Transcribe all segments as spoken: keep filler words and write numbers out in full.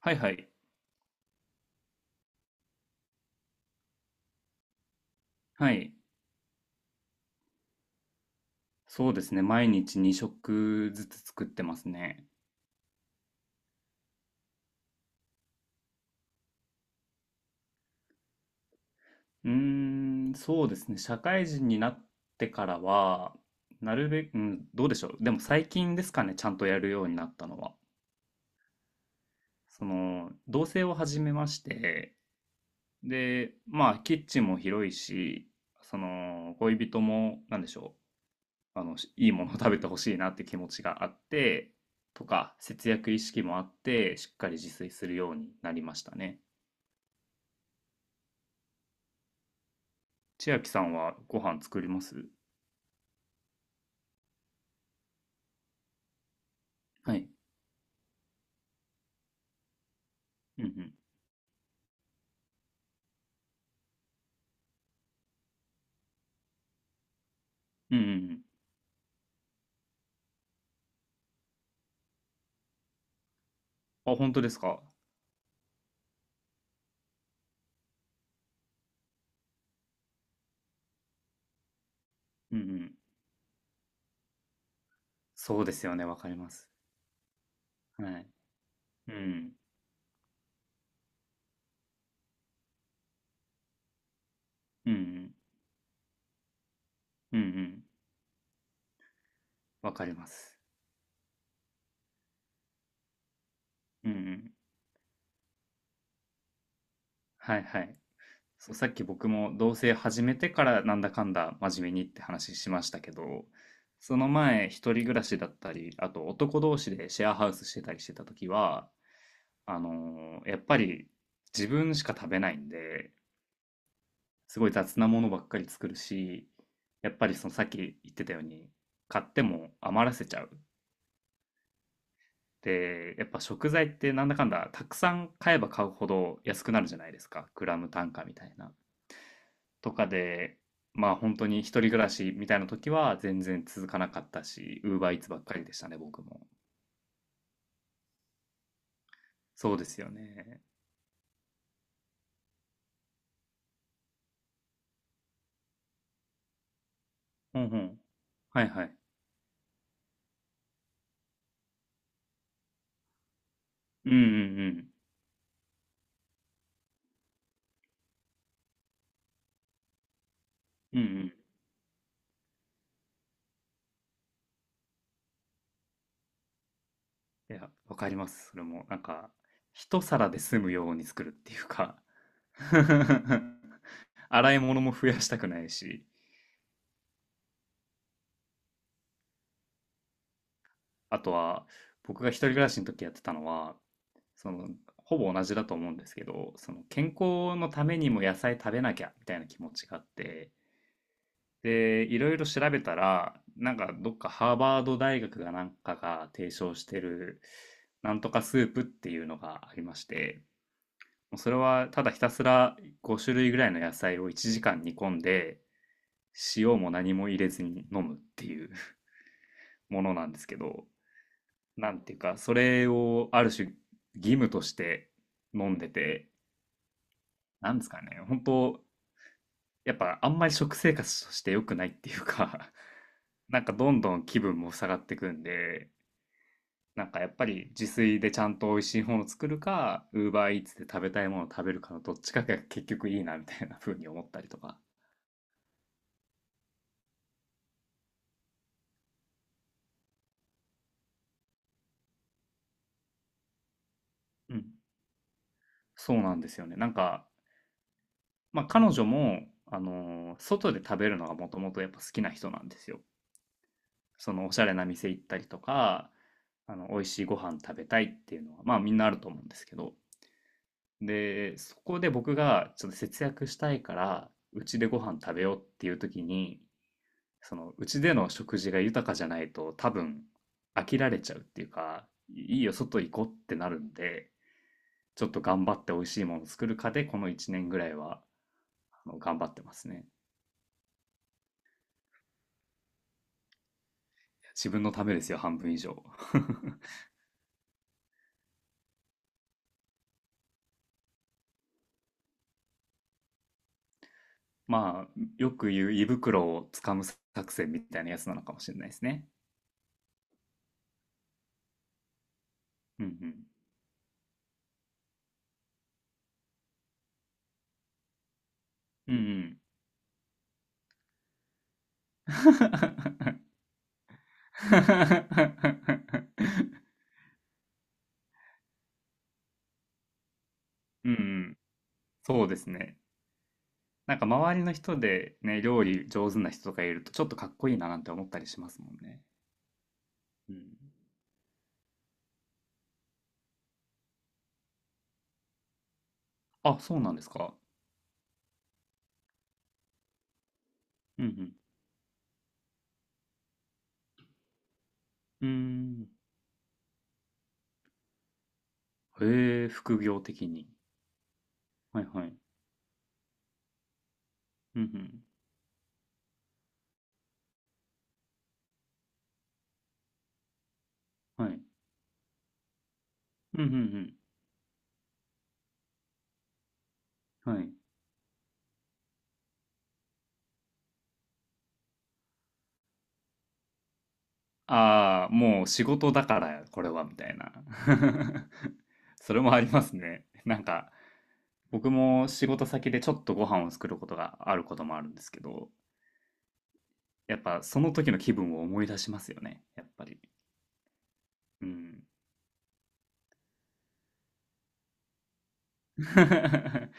はいはい。はい。そうですね。毎日に食ずつ作ってますね。うーん、そうですね。社会人になってからは、なるべく、うん、どうでしょう。でも最近ですかね、ちゃんとやるようになったのは。その、同棲を始めまして、で、まあ、キッチンも広いし、その、恋人も、なんでしょう。あの、いいものを食べてほしいなって気持ちがあって、とか、節約意識もあって、しっかり自炊するようになりましたね。千秋さんはご飯作ります？はい。うんうん。うんうんうん。あ、本当ですか？うんうん。そうですよね、わかります。はい。うん。うんうん。うんうん。わかります。うんうん。はいはい。そう、さっき僕も同棲始めてからなんだかんだ真面目にって話しましたけど、その前一人暮らしだったり、あと男同士でシェアハウスしてたりしてた時は、あのーやっぱり自分しか食べないんで、すごい雑なものばっかり作るし、やっぱりそのさっき言ってたように、買っても余らせちゃう。で、やっぱ食材ってなんだかんだたくさん買えば買うほど安くなるじゃないですか。グラム単価みたいな。とかで、まあ本当に一人暮らしみたいな時は全然続かなかったし、ウーバーイーツばっかりでしたね、僕も。そうですよね。うんうん。はいはい。うんうんうん。うんうん。いや、わかります。それも、なんか、一皿で済むように作るっていうか。 洗い物も増やしたくないし、あとは、僕が一人暮らしの時やってたのは、その、ほぼ同じだと思うんですけど、その、健康のためにも野菜食べなきゃ、みたいな気持ちがあって、で、いろいろ調べたら、なんか、どっかハーバード大学がなんかが提唱してる、なんとかスープっていうのがありまして、もうそれはただひたすらご種類ぐらいの野菜をいちじかん煮込んで塩も何も入れずに飲むっていう ものなんですけど、なんていうかそれをある種義務として飲んでて、なんですかね、本当、やっぱあんまり食生活として良くないっていうか、 なんかどんどん気分も下がってくんで、なんかやっぱり自炊でちゃんと美味しいものを作るか Uber Eats で食べたいものを食べるかのどっちかが結局いいなみたいな風に思ったりとか。うん。そうなんですよね。なんか、まあ、彼女も、あのー外で食べるのがもともとやっぱ好きな人なんですよ。そのおしゃれな店行ったりとか、あの、美味しいご飯食べたいっていうのは、まあみんなあると思うんですけど。で、そこで僕がちょっと節約したいから、うちでご飯食べようっていう時に、その、うちでの食事が豊かじゃないと多分飽きられちゃうっていうか、いいいよ、外行こうってなるんで、ちょっと頑張って美味しいもの作るかで、このいちねんぐらいは。あの頑張ってますね。自分のためですよ、半分以上。まあ、よく言う胃袋をつかむ作戦みたいなやつなのかもしれないですね。うんうん。うんうん。うんうん。そうですね。なんか周りの人でね、料理上手な人とかいるとちょっとかっこいいななんて思ったりしますもんね。うん。あ、そうなんですか。うんうん。うーん。へえ、副業的に。はいはい。うんうん。はい。うんうんうん。はい。ああ、もう仕事だから、これは、みたいな。それもありますね。なんか、僕も仕事先でちょっとご飯を作ることがあることもあるんですけど、やっぱその時の気分を思い出しますよね、やっぱり。うん。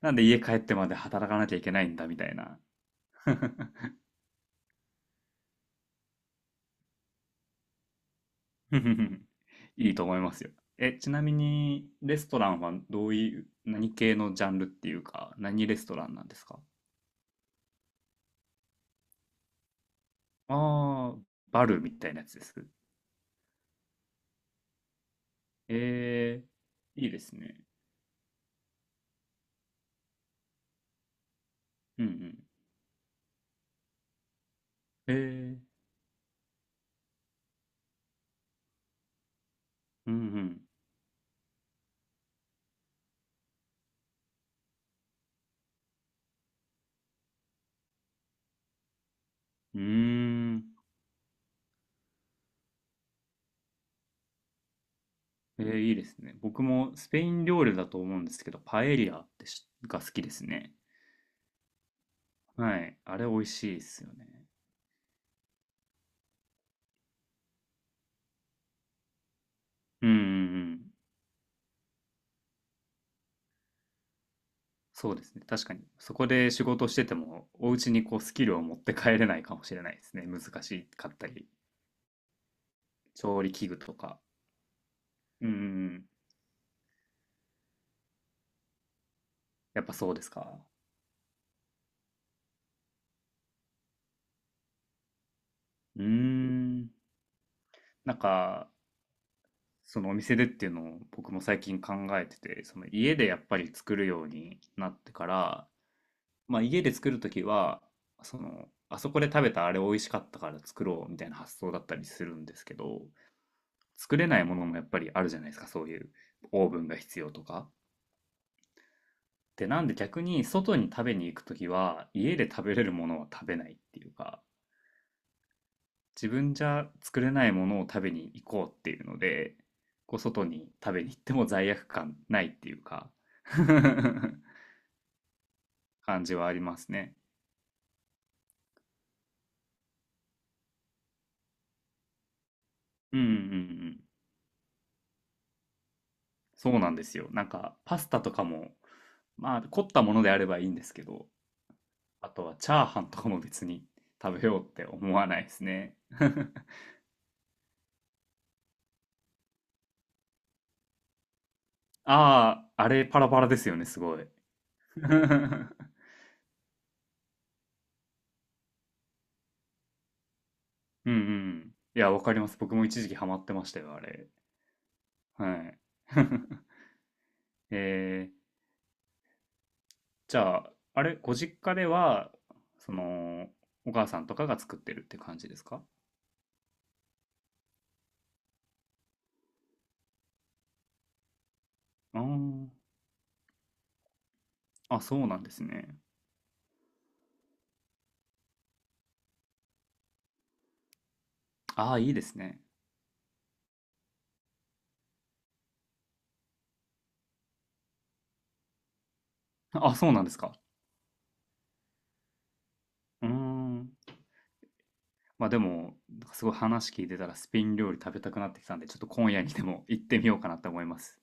なんで家帰ってまで働かなきゃいけないんだ、みたいな。いいと思いますよ。え、ちなみに、レストランはどういう、何系のジャンルっていうか、何レストランなんですか？ああー、バルみたいなやつです。ええ、いいですね。うんうん。ええ、うんうん。うーん。ええ、いいですね。僕もスペイン料理だと思うんですけど、パエリアってしが好きですね。はい。あれ美味しいですよね。うんうんうん。そうですね。確かに。そこで仕事してても、お家にこうスキルを持って帰れないかもしれないですね。難しかったり。調理器具とか。うんうんうん。やっぱそうですか。うーん。なんか、そのお店でっていうのを僕も最近考えてて、その家でやっぱり作るようになってから、まあ家で作るときは、その、あそこで食べたあれ美味しかったから作ろうみたいな発想だったりするんですけど、作れないものもやっぱりあるじゃないですか、そういうオーブンが必要とか。で、なんで逆に外に食べに行くときは、家で食べれるものは食べないっていうか、自分じゃ作れないものを食べに行こうっていうので、こう外に食べに行っても罪悪感ないっていうか。 感じはありますね。うんうんうん。そうなんですよ。なんかパスタとかも、まあ凝ったものであればいいんですけど、あとはチャーハンとかも別に食べようって思わないですね。ああ、あれパラパラですよね、すごい。うんうん。いや、わかります。僕も一時期ハマってましたよ、あれ。はい。えー、じゃあ、あれ、ご実家では、その、お母さんとかが作ってるって感じですか？あー、あ、そうなんですね。ああ、いいですね。あ、そうなんですか。うーん。まあでも、なんかすごい話聞いてたらスペイン料理食べたくなってきたんで、ちょっと今夜にでも行ってみようかなと思います。